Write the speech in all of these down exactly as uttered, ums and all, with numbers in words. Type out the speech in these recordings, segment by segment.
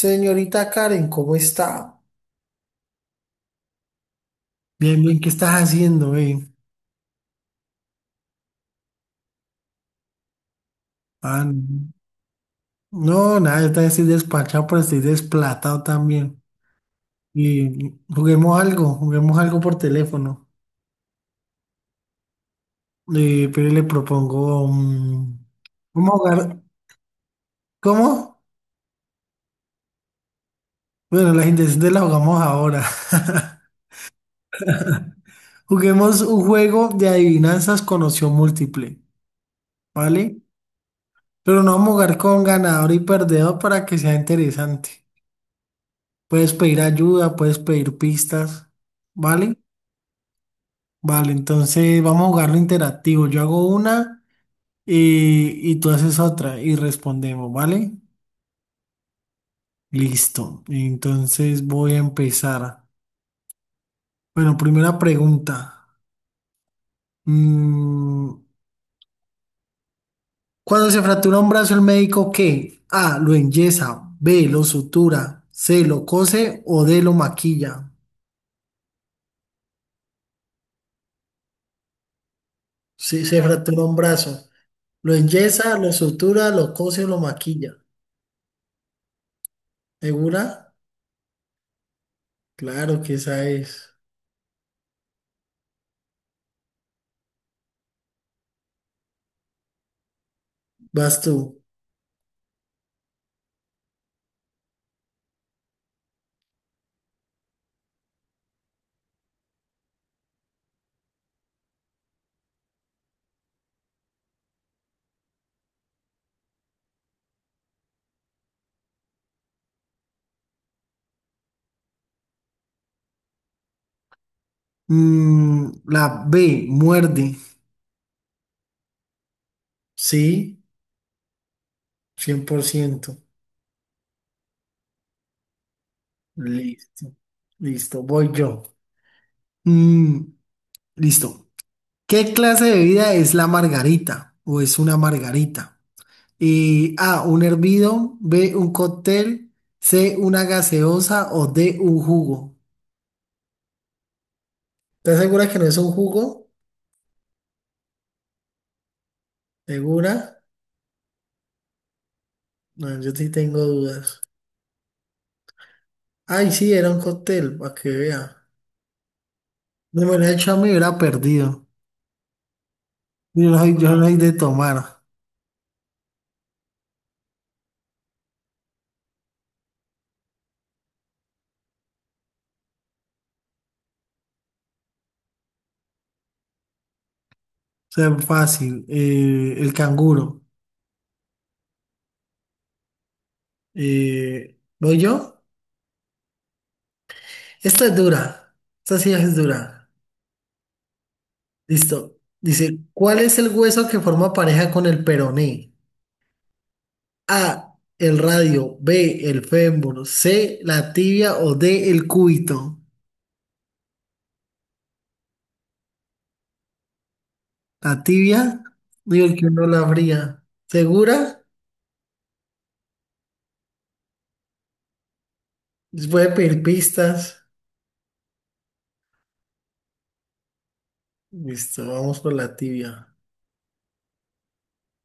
Señorita Karen, ¿cómo está? Bien, bien, ¿qué estás haciendo, eh? Ah, no, nada, yo también estoy despachado, pero estoy desplatado también. Y juguemos algo, juguemos algo por teléfono. Eh, pero le propongo, mm, vamos a jugar, ¿cómo? Bueno, las intenciones las jugamos ahora. Juguemos un juego de adivinanzas con opción múltiple, ¿vale? Pero no vamos a jugar con ganador y perdedor para que sea interesante. Puedes pedir ayuda, puedes pedir pistas, ¿vale? Vale, entonces vamos a jugarlo interactivo. Yo hago una y, y tú haces otra y respondemos, ¿vale? Listo. Entonces voy a empezar. Bueno, primera pregunta. Mm, ¿Cuando se fractura un brazo, el médico qué? A, lo enyesa, B, lo sutura, C, lo cose o D, lo maquilla. Si se fractura un brazo, lo enyesa, lo sutura, lo cose o lo maquilla. ¿Segura? Claro que esa es. Vas tú. Mm, la B, muerde. Sí, cien por ciento. Listo. Listo, voy yo. Mm, Listo. ¿Qué clase de bebida es la margarita o es una margarita? Eh, A, un hervido, B, un cóctel, C, una gaseosa o D, un jugo. ¿Estás segura que no es un jugo? ¿Segura? No, yo sí tengo dudas. Ay, sí, era un cóctel, para que vea. De manera hecho, me hubiera perdido. Yo no soy, yo no soy de tomar. O sea, fácil. Eh, el canguro. Eh, ¿voy yo? Esta es dura. Esta sí es dura. Listo. Dice, ¿cuál es el hueso que forma pareja con el peroné? A, el radio. B, el fémur. C, la tibia. O D, el cúbito. La tibia, digo el que no la abría. ¿Segura? Les voy a pedir pistas. Listo, vamos por la tibia.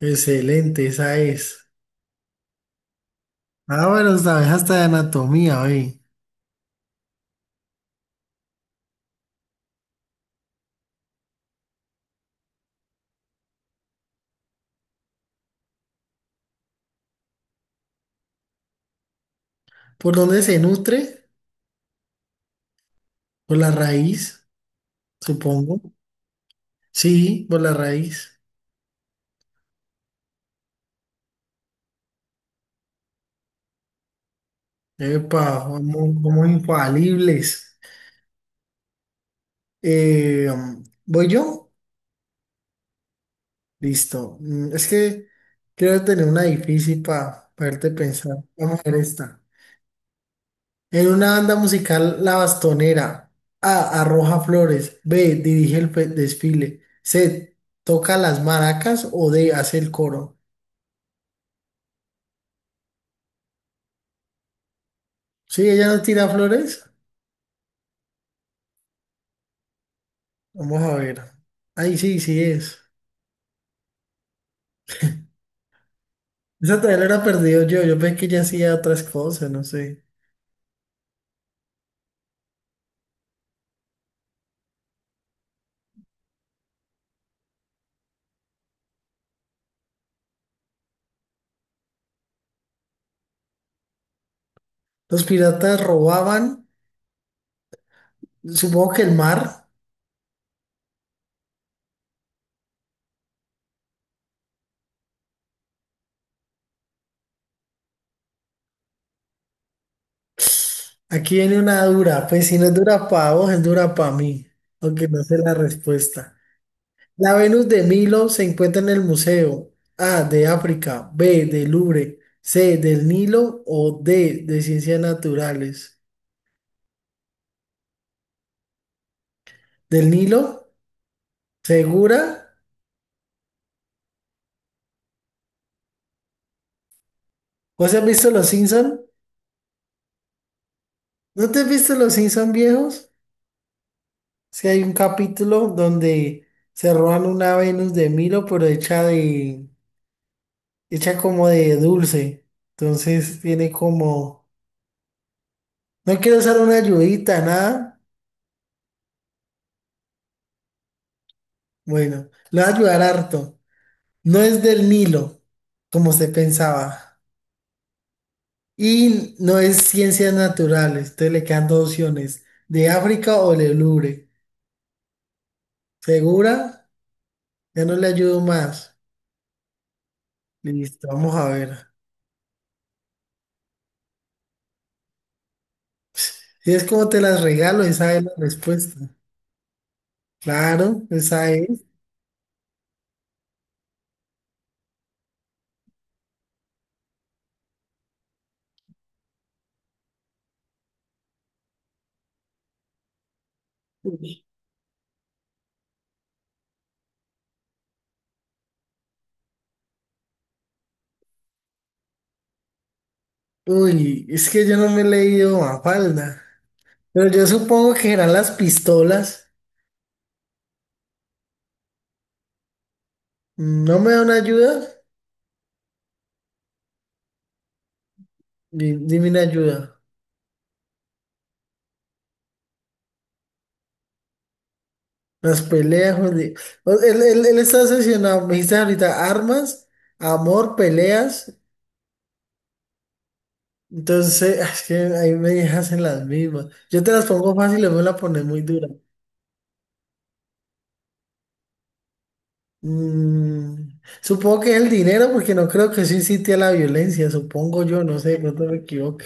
Excelente, esa es. Ah, bueno, sabes hasta de anatomía, oye. ¿Por dónde se nutre? Por la raíz, supongo. Sí, por la raíz. Epa, vamos, vamos infalibles. Eh, ¿Voy yo? Listo. Mm, Es que quiero tener una difícil para verte pensar. Vamos a ver esta. En una banda musical, La Bastonera. A. Arroja flores. B. Dirige el fe- desfile. C. Toca las maracas. O D. Hace el coro. Sí, ella no tira flores. Vamos a ver. Ahí sí, sí es. Esa todavía la era perdido yo. Yo pensé que ella hacía otras cosas, no sé. Los piratas robaban. Supongo que el mar. Aquí viene una dura. Pues si no es dura para vos, es dura para mí. Aunque no sé la respuesta. La Venus de Milo se encuentra en el museo A de África, B del Louvre, C del Nilo o D de Ciencias Naturales. ¿Del Nilo? ¿Segura? ¿Vos has visto Los Simpson? ¿No te has visto Los Simpson viejos? Si hay un capítulo donde se roban una Venus de Milo, pero hecha de, hecha como de dulce. Entonces tiene como, no quiero usar una ayudita, nada. Bueno, lo va a ayudar harto. No es del Nilo, como se pensaba, y no es ciencias naturales. Entonces le quedan dos opciones, de África o del Louvre. ¿Segura? Ya no le ayudo más. Listo, vamos a ver. Si es como te las regalo, esa es la respuesta. Claro, esa es. Uy, es que yo no me he leído Mafalda. Pero yo supongo que eran las pistolas. ¿No me da una ayuda? Di- Dime una ayuda. Las peleas, Juli. O- Él, él, él está obsesionado. Me dijiste ahorita armas, amor, peleas. Entonces, es que ahí me dejas en las mismas. Yo te las pongo fácil y me las pones muy dura. Mm, supongo que es el dinero, porque no creo que eso incite a la violencia. Supongo yo, no sé, de pronto me equivoco.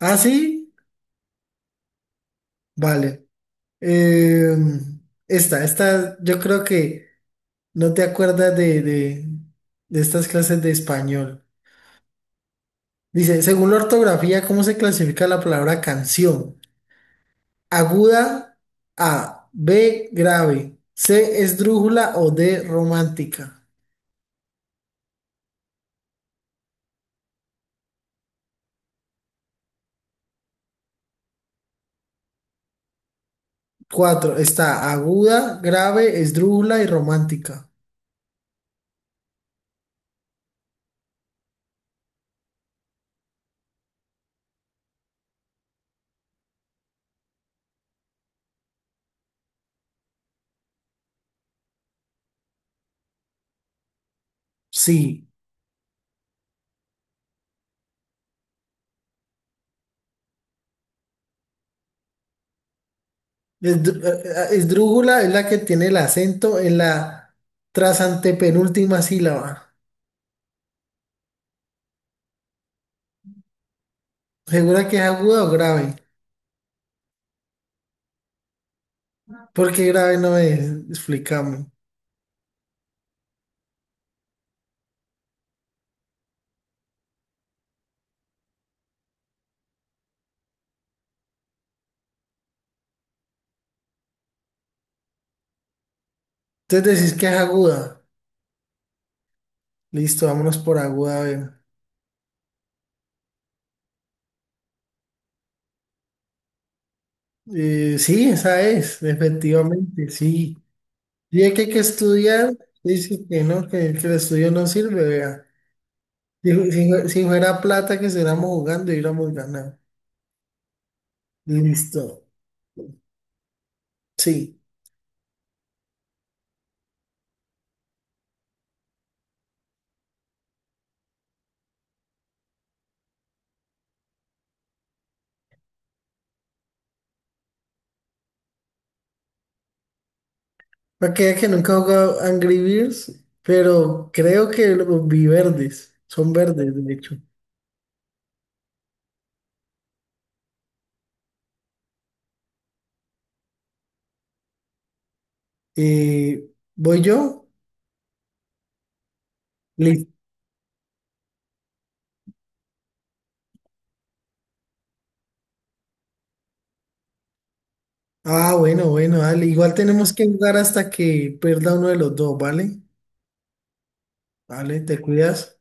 ¿Ah, sí? Vale. Eh, Esta, esta, yo creo que no te acuerdas de, de, de estas clases de español. Dice, según la ortografía, ¿cómo se clasifica la palabra canción? Aguda, A, B, grave, C, esdrújula o D, romántica. Cuatro, está aguda, grave, esdrújula y romántica. Sí, esdrú- eh, eh, esdrújula es la que tiene el acento en la tras antepenúltima sílaba. ¿Segura que es aguda o grave? ¿Porque grave no es? Explícame. Entonces decís que es aguda. Listo, vámonos por aguda, a ver. Eh, sí, esa es, efectivamente, sí. Y es que hay que estudiar, dice que no, que, que el estudio no sirve, vea. Si, fu- si fue- si fuera plata que estuviéramos jugando, hubiéramos ganado. Listo, sí. Para que vea que nunca he jugado Angry Birds, pero creo que los vi verdes, son verdes, de hecho. Eh, ¿Voy yo? Listo. Ah, bueno, bueno, dale. Igual tenemos que jugar hasta que pierda uno de los dos, ¿vale? Vale, te cuidas.